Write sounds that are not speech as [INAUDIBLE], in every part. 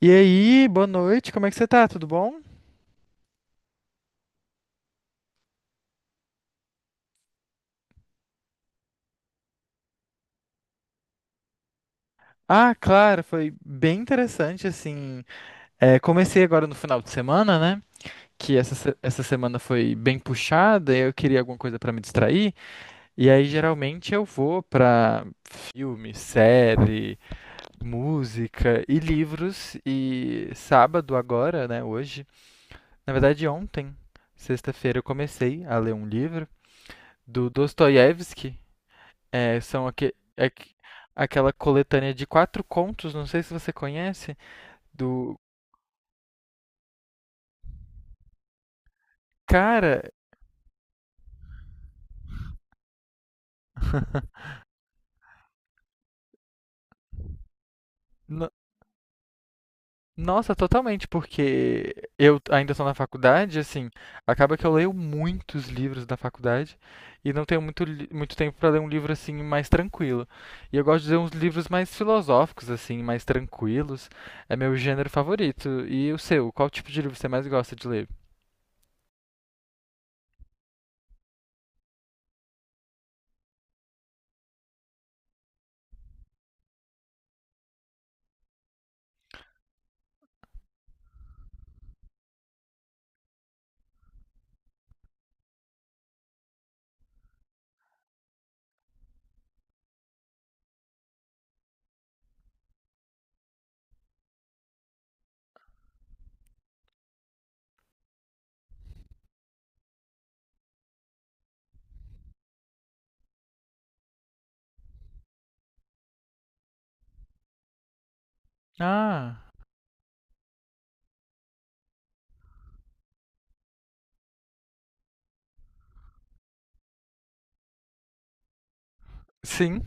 E aí, boa noite, como é que você tá? Tudo bom? Ah, claro, foi bem interessante, assim. É, comecei agora no final de semana, né? Que essa, se- essa semana foi bem puxada, eu queria alguma coisa pra me distrair. E aí, geralmente, eu vou pra filme, série, música e livros. E sábado agora, né? Hoje. Na verdade, ontem, sexta-feira, eu comecei a ler um livro do Dostoiévski. É, são aquela coletânea de quatro contos, não sei se você conhece, do cara. [LAUGHS] no- Nossa, totalmente, porque eu ainda estou na faculdade, assim, acaba que eu leio muitos livros da faculdade e não tenho muito tempo para ler um livro assim mais tranquilo. E eu gosto de ler uns livros mais filosóficos, assim, mais tranquilos. É meu gênero favorito. E o seu? Qual tipo de livro você mais gosta de ler? Ah, sim.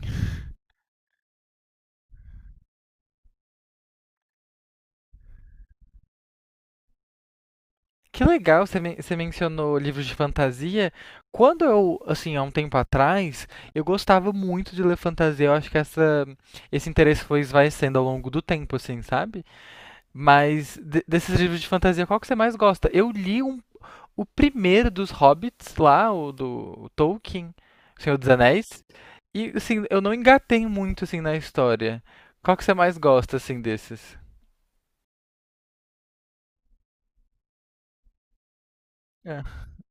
Que legal, você mencionou livros de fantasia. Quando eu, assim, há um tempo atrás, eu gostava muito de ler fantasia. Eu acho que esse interesse foi esvaecendo ao longo do tempo, assim, sabe? Mas desses livros de fantasia, qual que você mais gosta? Eu li o primeiro dos Hobbits lá, o do o Tolkien, O Senhor dos Anéis. E, assim, eu não engatei muito, assim, na história. Qual que você mais gosta, assim, desses? É.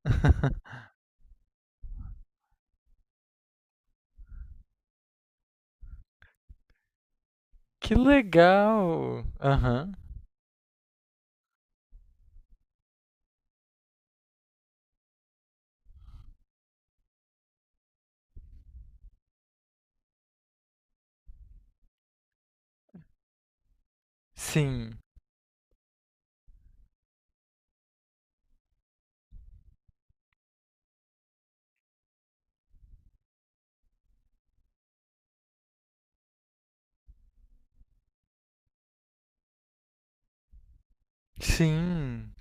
[LAUGHS] Que legal! Aham. Sim, sim,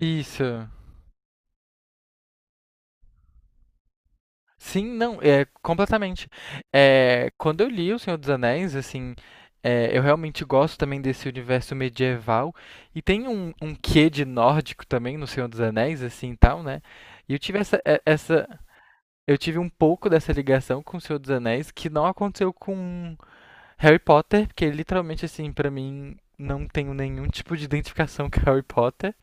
isso. Sim, não, é completamente. É, quando eu li O Senhor dos Anéis, assim, é, eu realmente gosto também desse universo medieval e tem um quê de nórdico também no Senhor dos Anéis, assim, e tal, né? E eu tive um pouco dessa ligação com O Senhor dos Anéis que não aconteceu com Harry Potter, porque literalmente, assim, pra mim não tenho nenhum tipo de identificação [LAUGHS] com Harry Potter.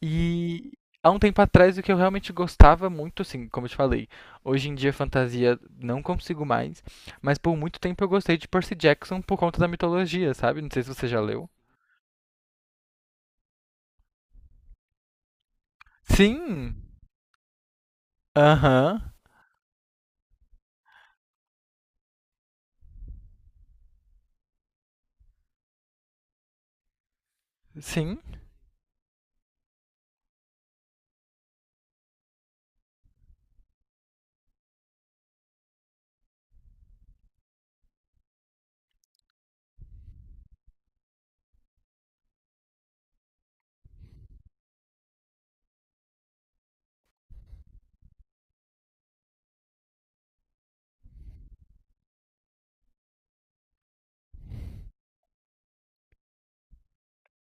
E há um tempo atrás o que eu realmente gostava muito, assim, como eu te falei, hoje em dia fantasia não consigo mais, mas por muito tempo eu gostei de Percy Jackson por conta da mitologia, sabe? Não sei se você já leu. Sim. Aham. Sim.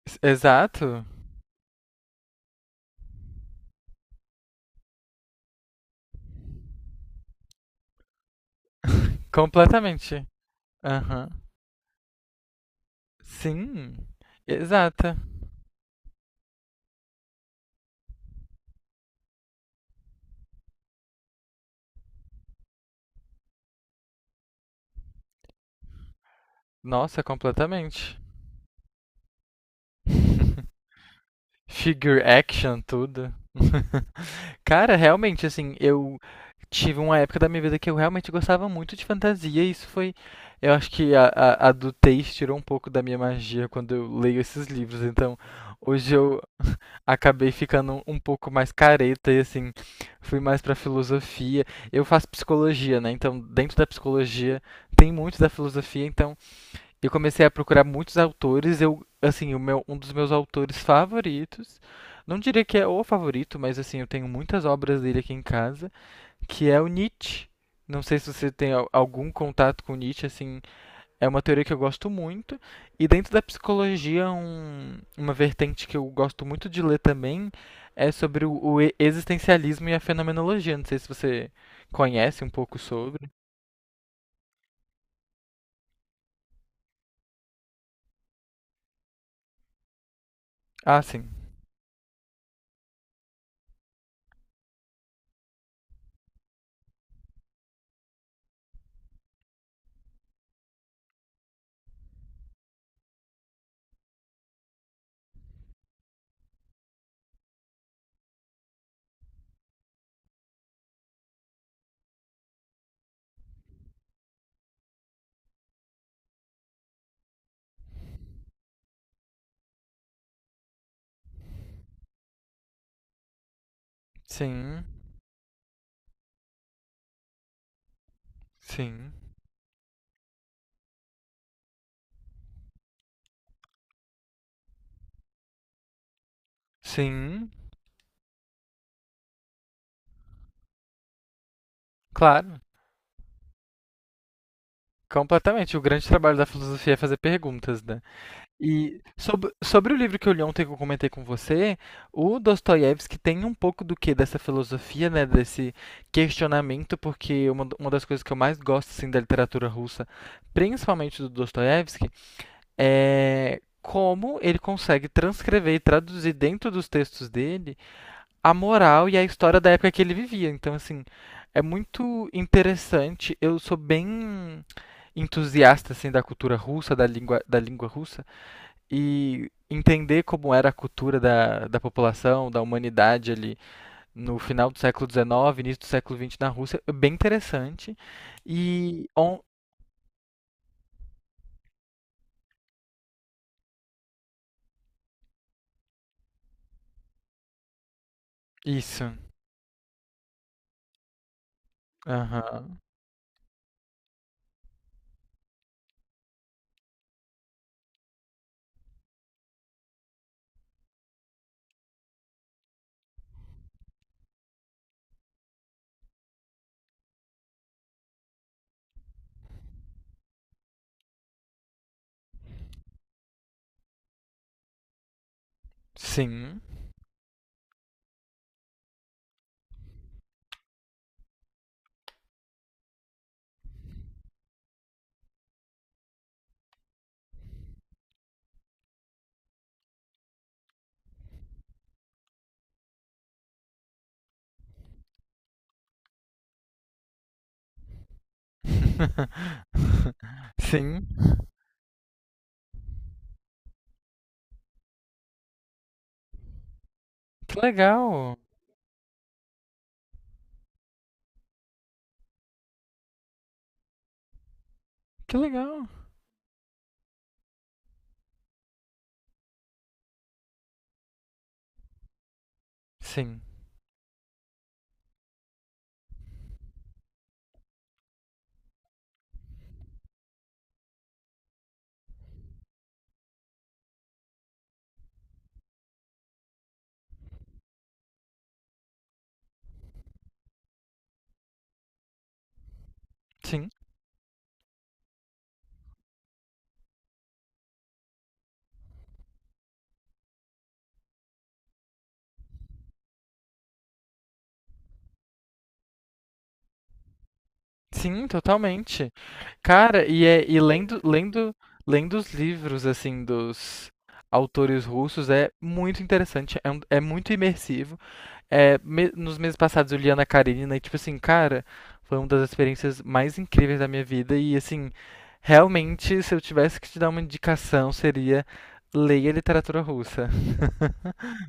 Exato. Completamente. Aham. Sim. Exata. Nossa, completamente. [LAUGHS] Figure action, tudo. [LAUGHS] Cara, realmente, assim, eu tive uma época da minha vida que eu realmente gostava muito de fantasia, e isso foi. Eu acho que a do Teis tirou um pouco da minha magia quando eu leio esses livros, então hoje eu acabei ficando um pouco mais careta e, assim, fui mais pra filosofia. Eu faço psicologia, né? Então, dentro da psicologia tem muito da filosofia, então. Eu comecei a procurar muitos autores. Eu, assim, o meu, um dos meus autores favoritos, não diria que é o favorito, mas assim, eu tenho muitas obras dele aqui em casa, que é o Nietzsche. Não sei se você tem algum contato com Nietzsche, assim, é uma teoria que eu gosto muito. E dentro da psicologia, uma vertente que eu gosto muito de ler também é sobre existencialismo e a fenomenologia. Não sei se você conhece um pouco sobre. Ah, sim. Sim. Sim. Sim. Claro, completamente. O grande trabalho da filosofia é fazer perguntas, né? E sobre o livro que eu li ontem que eu comentei com você, o Dostoiévski tem um pouco do que dessa filosofia, né? Desse questionamento, porque uma das coisas que eu mais gosto assim, da literatura russa, principalmente do Dostoiévski, é como ele consegue transcrever e traduzir dentro dos textos dele a moral e a história da época que ele vivia. Então, assim, é muito interessante. Eu sou bem entusiasta assim da cultura russa, da língua russa e entender como era a cultura da população, da humanidade ali no final do século XIX, início do século XX na Rússia, é bem interessante. E on... isso. Aham. Sim. [LAUGHS] Sim. Que legal. Que legal. Sim. Sim. Sim, totalmente. Cara, e lendo, os livros, assim, dos autores russos é muito interessante, é, é muito imersivo. É, nos meses passados eu li Ana Karenina e, tipo assim, cara, foi uma das experiências mais incríveis da minha vida e, assim, realmente, se eu tivesse que te dar uma indicação, seria leia literatura russa. [LAUGHS]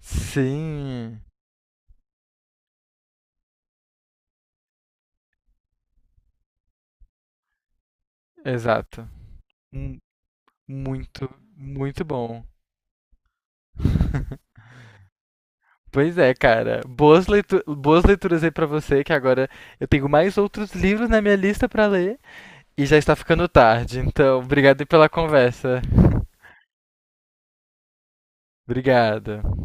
Sim, exato. Mu- Muito, muito bom. [LAUGHS] Pois é, cara. Boas leituras aí pra você, que agora eu tenho mais outros livros na minha lista pra ler e já está ficando tarde. Então, obrigado aí pela conversa. Obrigado.